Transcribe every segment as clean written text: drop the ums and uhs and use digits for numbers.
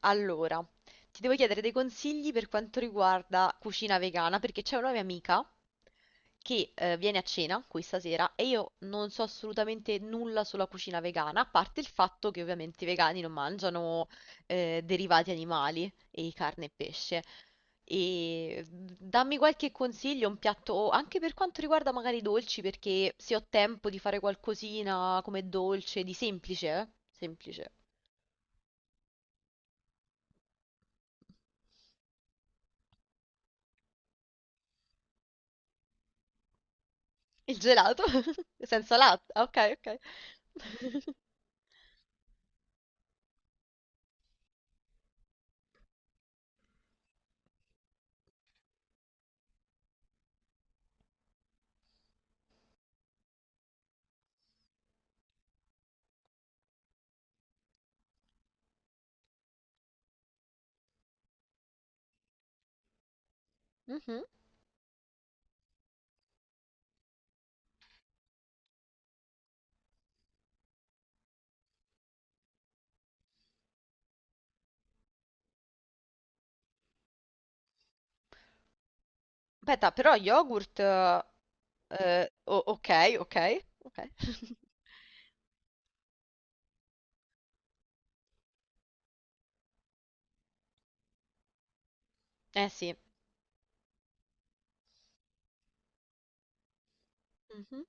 Allora, ti devo chiedere dei consigli per quanto riguarda cucina vegana, perché c'è una mia amica che viene a cena qui stasera e io non so assolutamente nulla sulla cucina vegana, a parte il fatto che ovviamente i vegani non mangiano derivati animali e carne e pesce. Dammi qualche consiglio, un piatto anche per quanto riguarda magari i dolci, perché se ho tempo di fare qualcosina come dolce, di semplice, eh? Semplice. Il gelato? Senza latte? Ah, ok, ok. Mhm. Aspetta, però yogurt... ok, ok, ok. Eh sì. Mhm.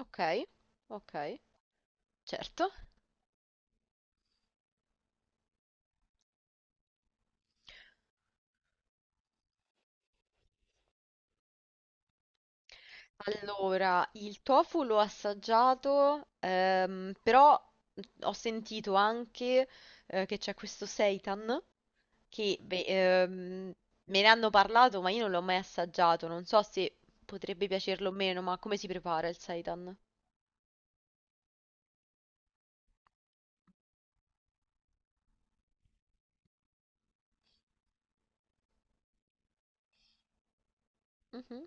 Ok, ok, certo. Allora, il tofu l'ho assaggiato, però ho sentito anche che c'è questo seitan che me ne hanno parlato, ma io non l'ho mai assaggiato. Non so se potrebbe piacerlo o meno, ma come si prepara il seitan? Mhm,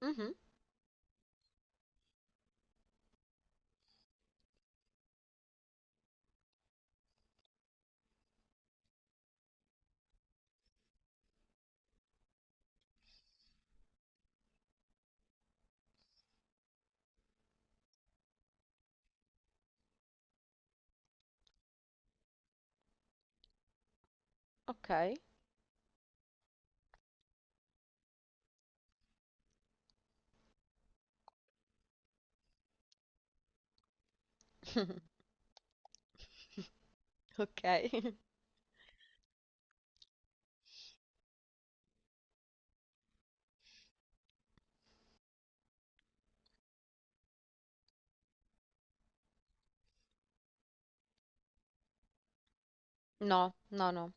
mhm, ok. Ok. No, no, no.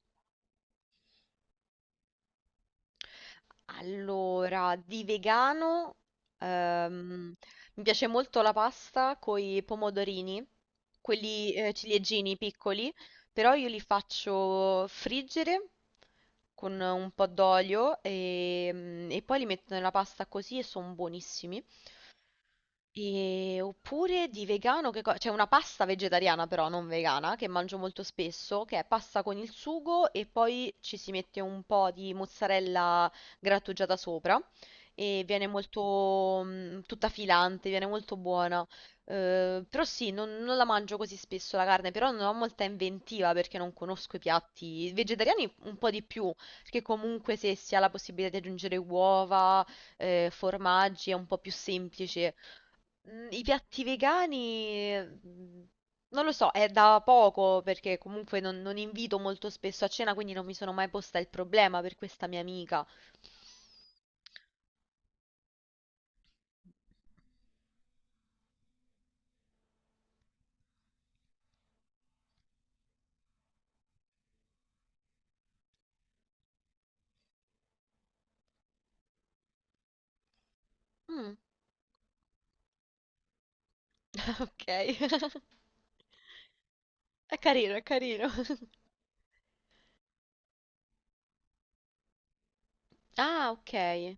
Allora, di vegano, ehm, mi piace molto la pasta con i pomodorini, quelli ciliegini piccoli, però io li faccio friggere con un po' d'olio e, poi li metto nella pasta così e sono buonissimi. Oppure di vegano, che c'è una pasta vegetariana però, non vegana, che mangio molto spesso, che è pasta con il sugo e poi ci si mette un po' di mozzarella grattugiata sopra e viene molto tutta filante, viene molto buona. Però sì, non, non la mangio così spesso la carne, però non ho molta inventiva perché non conosco i piatti vegetariani un po' di più, perché comunque se si ha la possibilità di aggiungere uova, formaggi è un po' più semplice. I piatti vegani, mm, non lo so, è da poco perché comunque non, non invito molto spesso a cena, quindi non mi sono mai posta il problema per questa mia amica. Mm, ok, è carino, è carino. Ah, ok.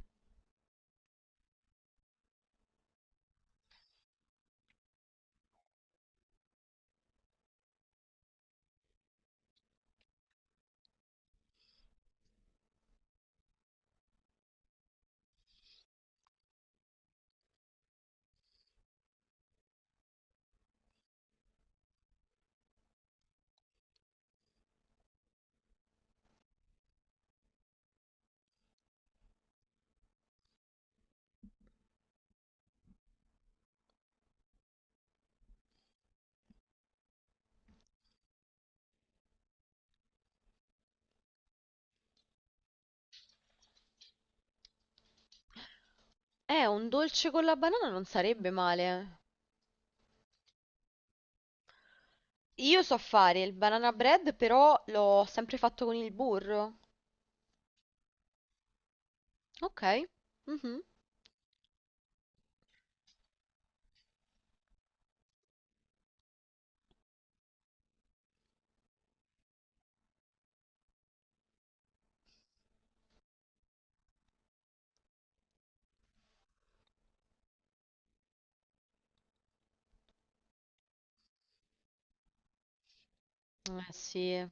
Un dolce con la banana non sarebbe male. Io so fare il banana bread, però l'ho sempre fatto con il burro. Ok. Mhm. Eh sì.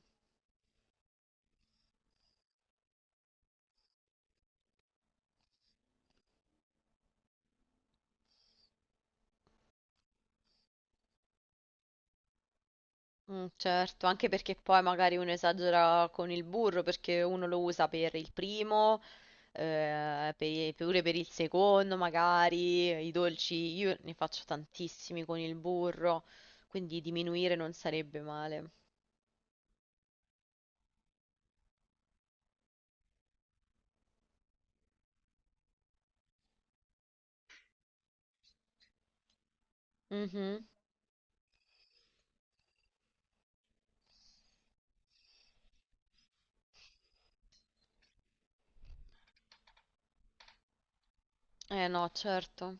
Certo, anche perché poi magari uno esagera con il burro perché uno lo usa per il primo, pure per il secondo, magari i dolci, io ne faccio tantissimi con il burro, quindi diminuire non sarebbe male. Mhm. Eh no, certo.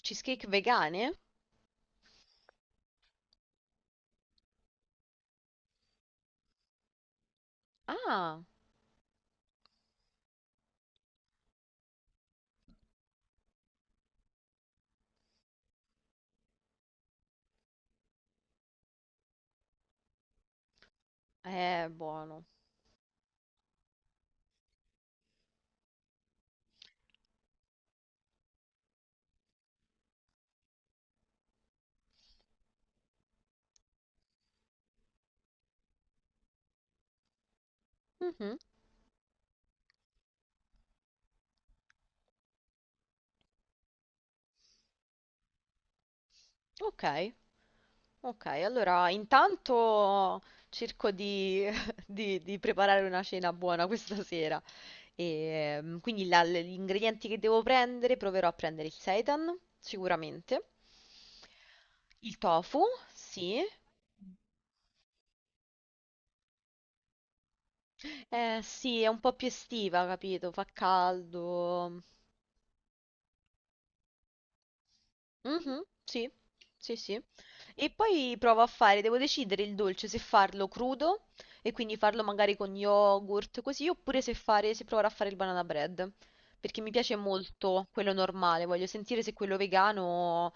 Cheesecake vegane? Ah, è buono. Mhm. Ok, ok, allora intanto cerco di di preparare una cena buona questa sera. Quindi gli ingredienti che devo prendere, proverò a prendere il seitan, sicuramente. Il tofu, sì. Eh sì, è un po' più estiva, capito? Fa caldo. Mhm, sì, sì, sì. E poi provo a fare, devo decidere il dolce se farlo crudo e quindi farlo magari con yogurt, così, oppure se fare, se provare a fare il banana bread. Perché mi piace molto quello normale, voglio sentire se quello vegano...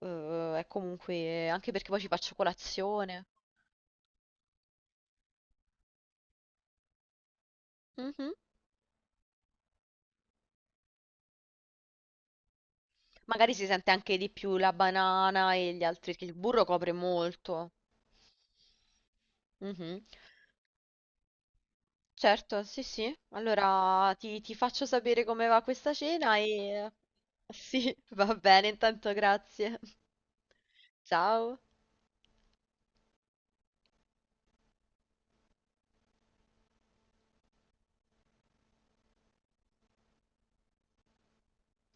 È comunque anche perché poi ci faccio colazione. Mhm. Magari si sente anche di più la banana e gli altri, che il burro copre molto. Mhm. Certo, sì, sì. Allora ti faccio sapere come va questa cena e... Sì, va bene, intanto grazie. Ciao.